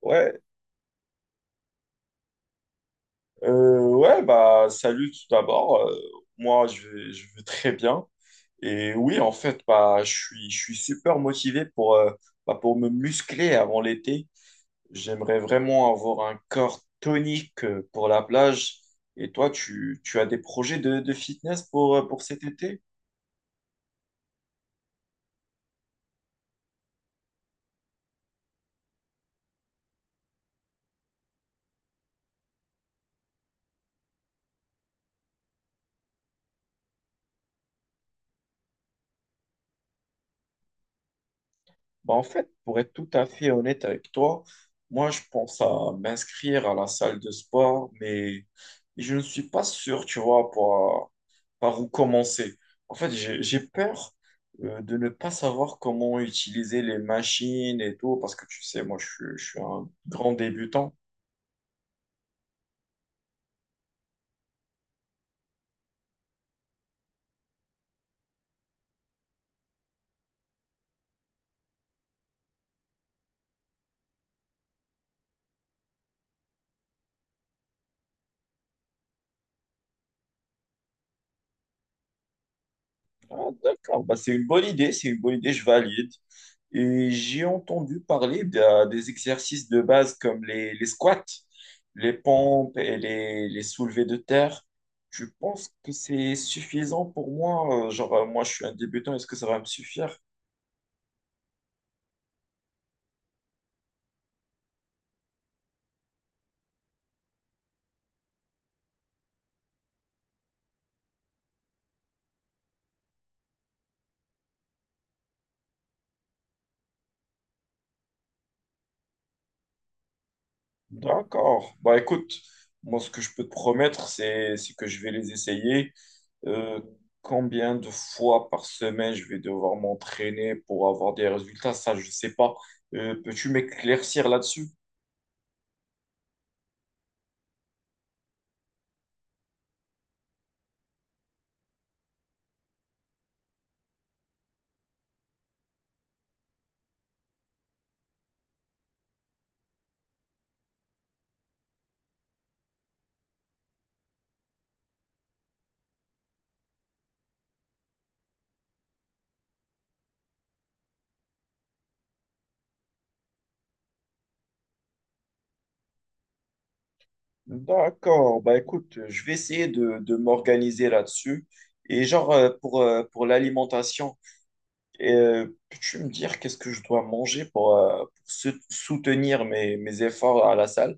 Ouais, ouais, bah salut tout d'abord. Moi, je vais très bien. Et oui, en fait, bah, je suis super motivé pour, bah, pour me muscler avant l'été. J'aimerais vraiment avoir un corps tonique pour la plage. Et toi, tu as des projets de fitness pour cet été? Bah, en fait, pour être tout à fait honnête avec toi, moi, je pense à m'inscrire à la salle de sport, mais je ne suis pas sûr, tu vois, pour, par où commencer. En fait, j'ai peur de ne pas savoir comment utiliser les machines et tout, parce que tu sais, moi, je, je suis un grand débutant. Ah, d'accord, bah, c'est une bonne idée, c'est une bonne idée, je valide. Et j'ai entendu parler des exercices de base comme les squats, les pompes et les soulevés de terre. Tu penses que c'est suffisant pour moi. Genre, moi, je suis un débutant, est-ce que ça va me suffire? D'accord. Bah écoute, moi ce que je peux te promettre, c'est que je vais les essayer. Euh, Combien de fois par semaine je vais devoir m'entraîner pour avoir des résultats, ça je sais pas. Peux-tu m'éclaircir là-dessus? D'accord. Bah écoute, je vais essayer de m'organiser là-dessus. Et genre pour l'alimentation, peux-tu me dire qu'est-ce que je dois manger pour soutenir mes, mes efforts à la salle?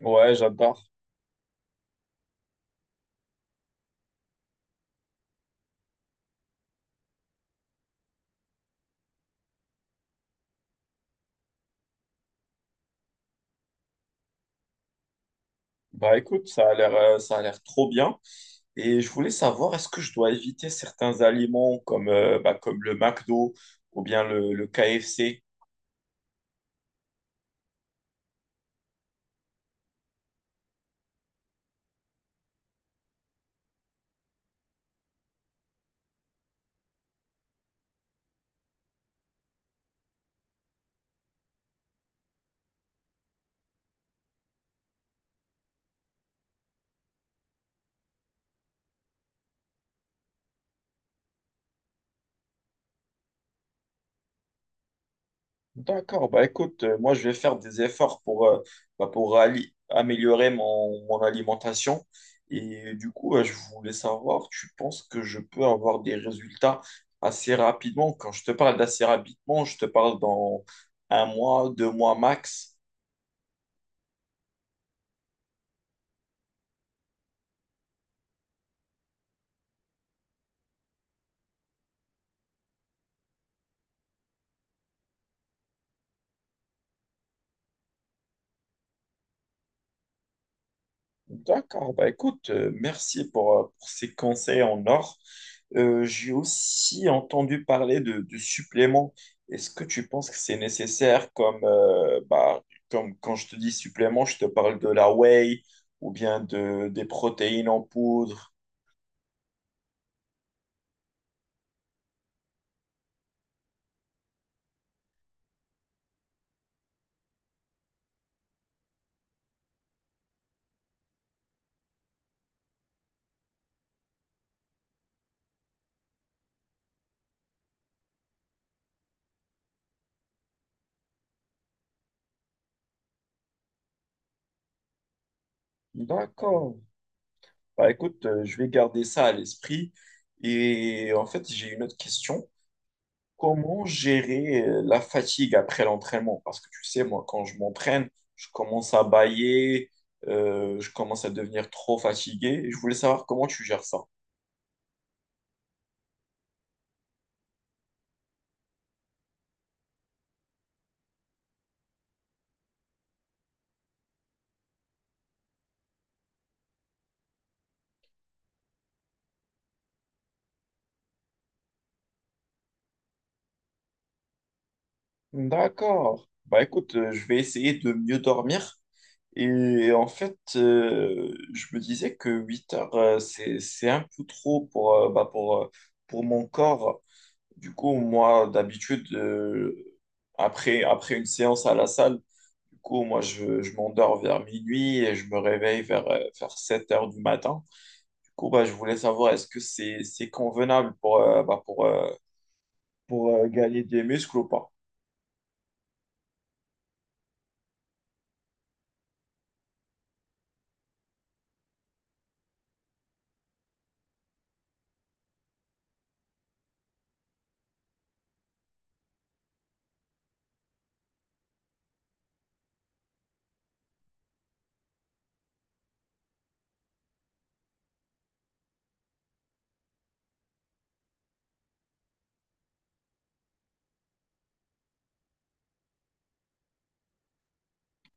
Ouais, j'adore. Bah écoute, ça a l'air trop bien. Et je voulais savoir, est-ce que je dois éviter certains aliments comme, bah, comme le McDo ou bien le KFC? D'accord, bah écoute, moi je vais faire des efforts pour, bah, pour améliorer mon, mon alimentation. Et du coup, je voulais savoir, tu penses que je peux avoir des résultats assez rapidement? Quand je te parle d'assez rapidement, je te parle dans un mois, deux mois max. D'accord, bah écoute, merci pour ces conseils en or. J'ai aussi entendu parler de suppléments. Est-ce que tu penses que c'est nécessaire comme, bah, comme quand je te dis supplément, je te parle de la whey ou bien des protéines en poudre? D'accord. Bah écoute, je vais garder ça à l'esprit. Et en fait, j'ai une autre question. Comment gérer la fatigue après l'entraînement? Parce que tu sais, moi, quand je m'entraîne, je commence à bâiller, je commence à devenir trop fatigué. Et je voulais savoir comment tu gères ça. D'accord. Bah écoute, je vais essayer de mieux dormir. Et en fait, je me disais que 8 heures, c'est un peu trop pour, bah, pour mon corps. Du coup, moi, d'habitude, après une séance à la salle, du coup, moi, je m'endors vers minuit et je me réveille vers, vers 7 heures du matin. Du coup, bah, je voulais savoir, c'est convenable pour, bah, pour gagner des muscles ou pas?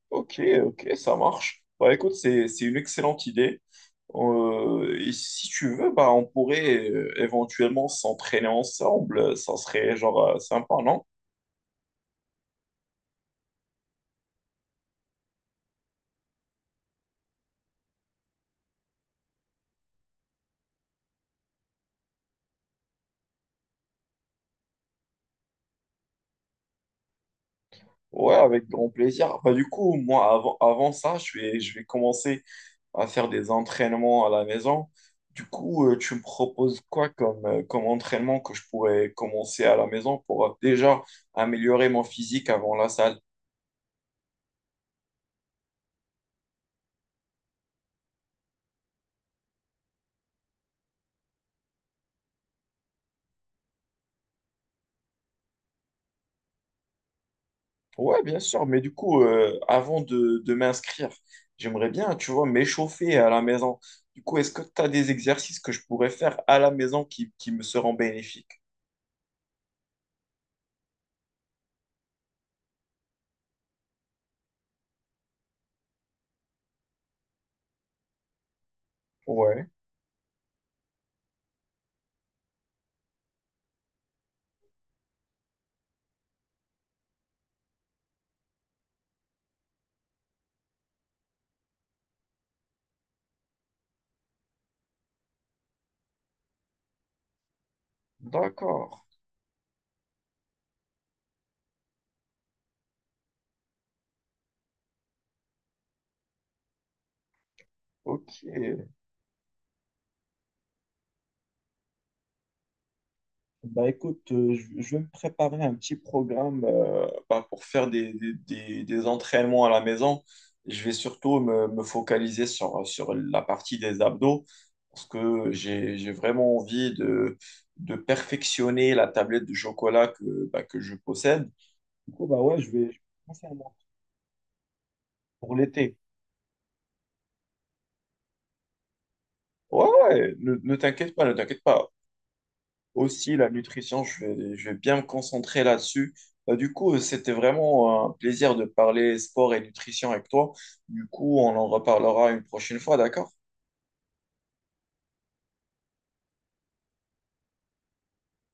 Ok, ok, ça marche. Bah, écoute, c'est une excellente idée. Et si tu veux, bah, on pourrait éventuellement s'entraîner ensemble. Ça serait genre sympa, non? Ouais, avec grand plaisir. Bah, du coup, moi, avant ça, je vais commencer à faire des entraînements à la maison. Du coup, tu me proposes quoi comme, comme entraînement que je pourrais commencer à la maison pour déjà améliorer mon physique avant la salle? Ouais, bien sûr, mais du coup, avant de m'inscrire, j'aimerais bien, tu vois, m'échauffer à la maison. Du coup, est-ce que tu as des exercices que je pourrais faire à la maison qui me seront bénéfiques? Ouais, d'accord, ok. Bah écoute, je vais me préparer un petit programme bah, pour faire des, des entraînements à la maison. Je vais surtout me, me focaliser sur, sur la partie des abdos parce que j'ai vraiment envie de perfectionner la tablette de chocolat que, bah, que je possède. Du coup, bah ouais, je vais commencer à pour l'été. Ouais, ouais, ne t'inquiète pas, ne t'inquiète pas. Aussi la nutrition, je vais bien me concentrer là-dessus. Du coup, c'était vraiment un plaisir de parler sport et nutrition avec toi. Du coup, on en reparlera une prochaine fois, d'accord?